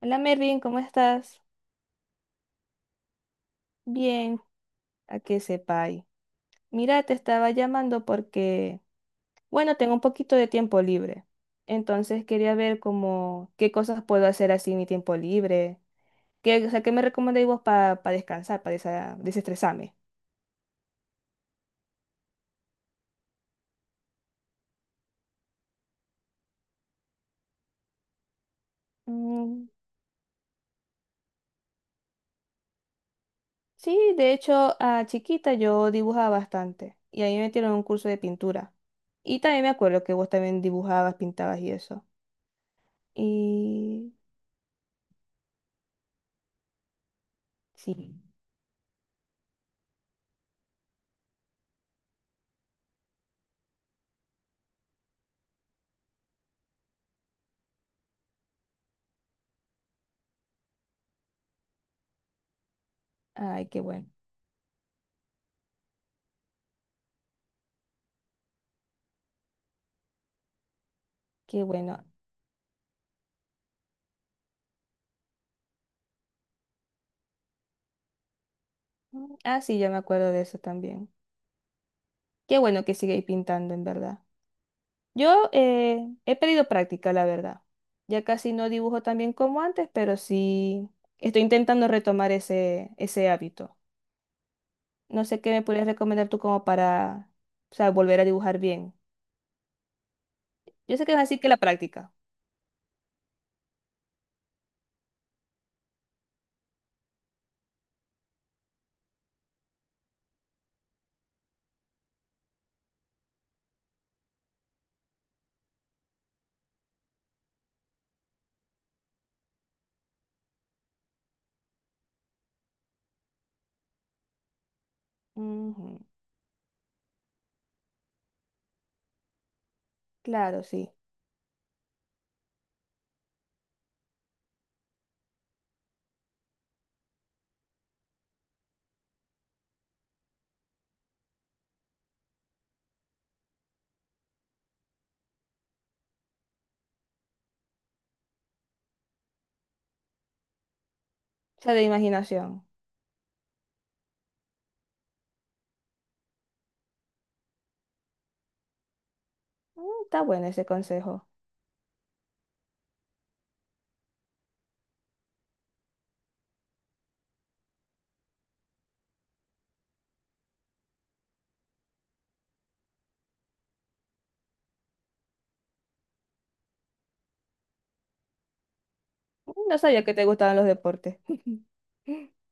Hola Mervin, ¿cómo estás? Bien, a que sepáis. Mira, te estaba llamando porque, bueno, tengo un poquito de tiempo libre. Entonces quería ver como qué cosas puedo hacer así en mi tiempo libre. ¿Qué, o sea, qué me recomendáis vos para descansar, para desestresarme? Mm, sí, de hecho, a chiquita yo dibujaba bastante y ahí me metieron en un curso de pintura. Y también me acuerdo que vos también dibujabas, pintabas y eso. Y sí, ay, qué bueno, qué bueno. Mm, ah, sí, ya me acuerdo de eso también. Qué bueno que sigáis pintando, en verdad. Yo he pedido práctica, la verdad. Ya casi no dibujo tan bien como antes, pero sí estoy intentando retomar ese hábito. No sé qué me podrías recomendar tú como para, o sea, volver a dibujar bien. Yo sé que es así que la práctica. Ujú, claro, sí. O sea, de imaginación. Está bueno ese consejo. No sabía que te gustaban los deportes.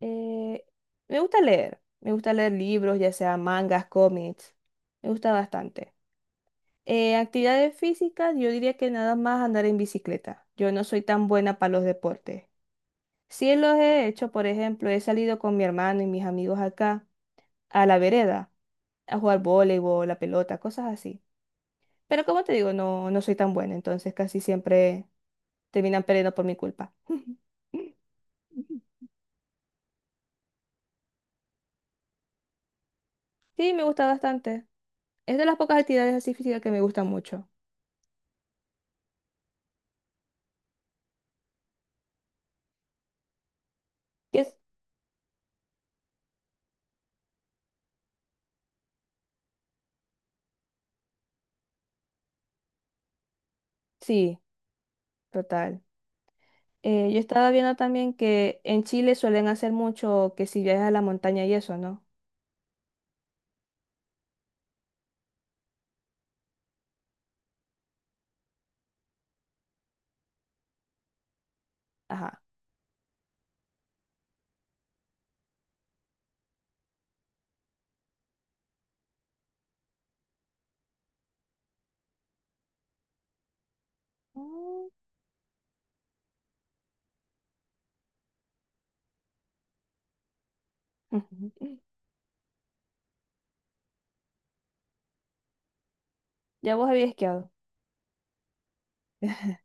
Eh, Me gusta leer, me gusta leer libros, ya sea mangas, cómics, me gusta bastante. Actividades físicas, yo diría que nada más andar en bicicleta. Yo no soy tan buena para los deportes. Sí los he hecho, por ejemplo, he salido con mi hermano y mis amigos acá a la vereda a jugar voleibol, la pelota, cosas así. Pero como te digo, no, no soy tan buena, entonces casi siempre terminan perdiendo por mi culpa. Sí, me gusta bastante. Es de las pocas actividades así físicas que me gustan mucho. Que es- Sí, total. Yo estaba viendo también que en Chile suelen hacer mucho que si viajas a la montaña y eso, ¿no? Ajá. Mm. Ya vos habías esquiado.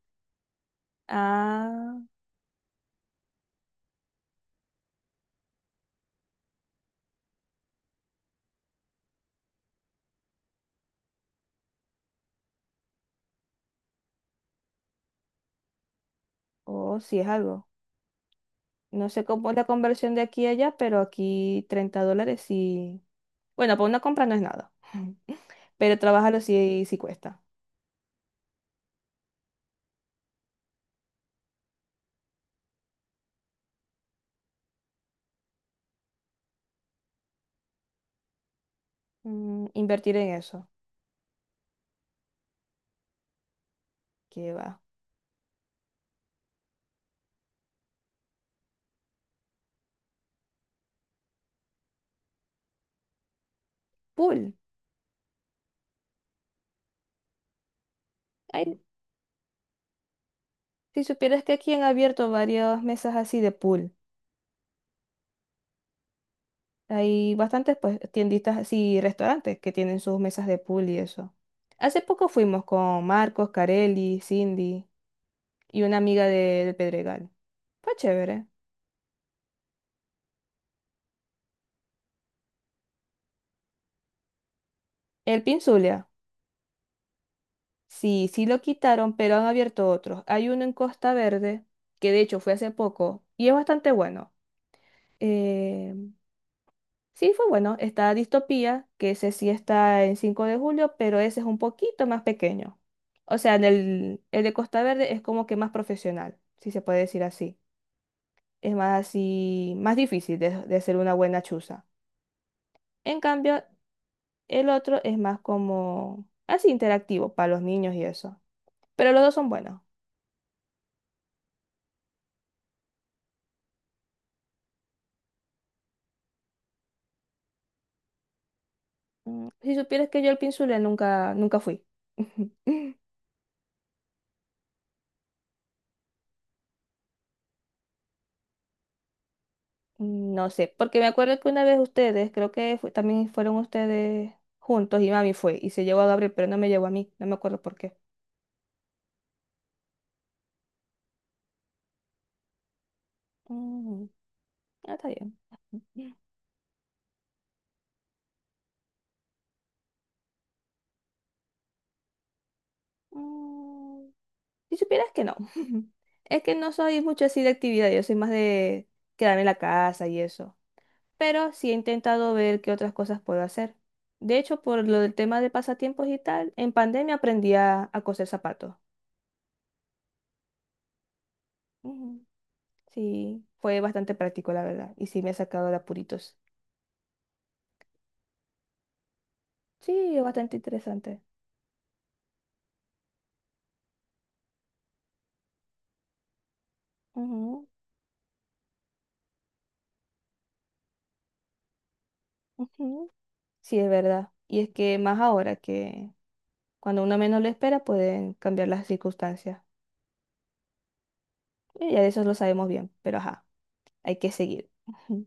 Ah, oh, sí es algo. No sé cómo es la conversión de aquí a allá, pero aquí $30 sí. Bueno, para una compra no es nada. Pero trabajarlo sí, sí cuesta. Mm, invertir en eso. Que va. Pool. Ay, si supieras que aquí han abierto varias mesas así de pool. Hay bastantes pues tienditas así, restaurantes que tienen sus mesas de pool y eso. Hace poco fuimos con Marcos, Carelli, Cindy y una amiga del Pedregal. Fue chévere. El Pinzulia. Sí, sí lo quitaron, pero han abierto otros. Hay uno en Costa Verde, que de hecho fue hace poco, y es bastante bueno. Eh, sí, fue bueno. Está Distopía, que ese sí está en 5 de julio, pero ese es un poquito más pequeño. O sea, en el de Costa Verde es como que más profesional, si se puede decir así. Es más así, más difícil de hacer una buena chuza. En cambio, el otro es más como así interactivo para los niños y eso. Pero los dos son buenos. Si supieras que yo al Pinzulé nunca, nunca fui. No sé, porque me acuerdo que una vez ustedes, creo que también fueron ustedes juntos y mami fue y se llevó a Gabriel, pero no me llevó a mí, no me acuerdo por qué. Mm, ah, está bien. Mm, si supieras que no, es que no soy mucho así de actividad, yo soy más de quedarme en la casa y eso, pero sí he intentado ver qué otras cosas puedo hacer. De hecho, por lo del tema de pasatiempos y tal, en pandemia aprendí a coser zapatos. Sí, fue bastante práctico, la verdad. Y sí me ha sacado de apuritos. Sí, es bastante interesante. Ujú, ujú. Sí, es verdad. Y es que más ahora que cuando uno menos lo espera pueden cambiar las circunstancias. Y ya de eso lo sabemos bien, pero ajá, hay que seguir. Ujú.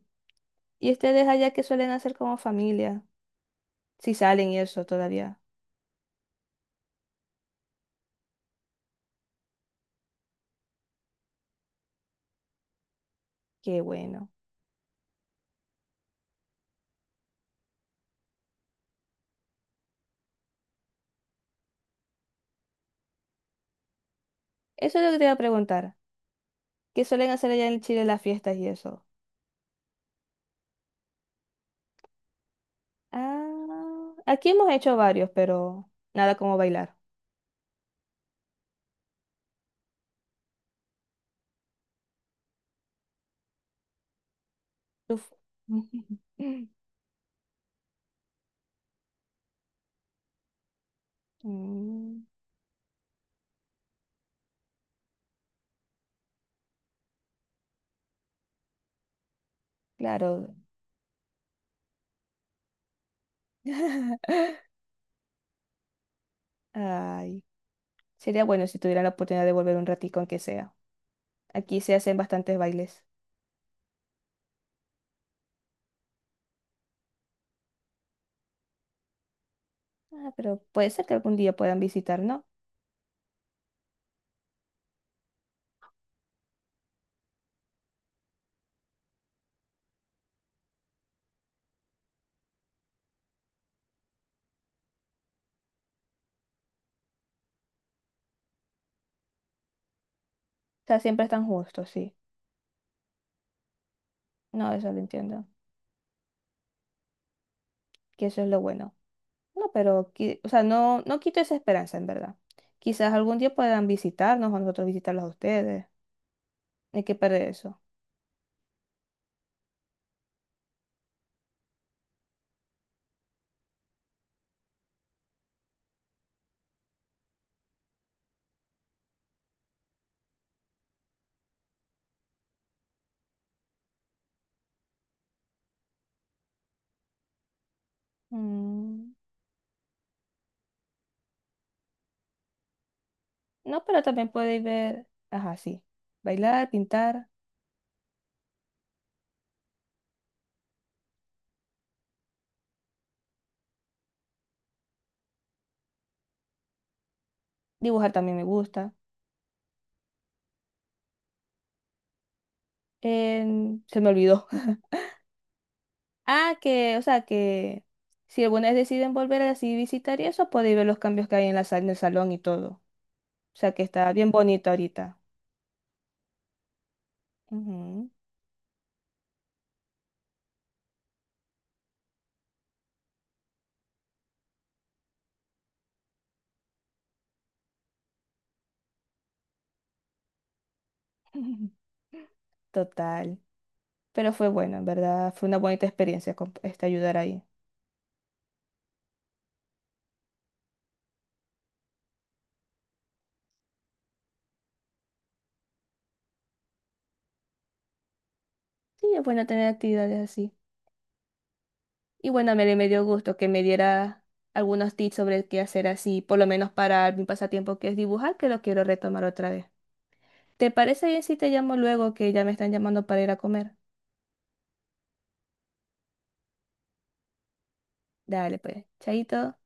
¿Y ustedes allá que suelen hacer como familia? Si salen y eso todavía. Qué bueno. Eso es lo que te iba a preguntar. ¿Qué suelen hacer allá en Chile en las fiestas y eso? Ah, aquí hemos hecho varios, pero nada como bailar. Uf. Mm, claro. Ay, sería bueno si tuviera la oportunidad de volver un ratico, aunque sea. Aquí se hacen bastantes bailes. Ah, pero puede ser que algún día puedan visitar, ¿no? O sea, siempre están justos, sí. No, eso lo entiendo. Que eso es lo bueno. No, pero, qui- o sea, no, no quito esa esperanza, en verdad. Quizás algún día puedan visitarnos o nosotros visitarlos a ustedes. Hay que perder eso. Mm, no, pero también podéis ver. Ajá, sí. Bailar, pintar. Dibujar también me gusta. Se me olvidó. Ah, que, o sea, que si alguna vez deciden volver así visitar y eso, podéis ver los cambios que hay en la sala, en el salón y todo. O sea, que está bien bonito ahorita. Ujú. Total. Pero fue bueno, en verdad. Fue una bonita experiencia con este ayudar ahí. Sí, es bueno tener actividades así. Y bueno, me dio gusto que me diera algunos tips sobre qué hacer así, por lo menos para mi pasatiempo que es dibujar, que lo quiero retomar otra vez. ¿Te parece bien si te llamo luego que ya me están llamando para ir a comer? Dale, pues, chaito.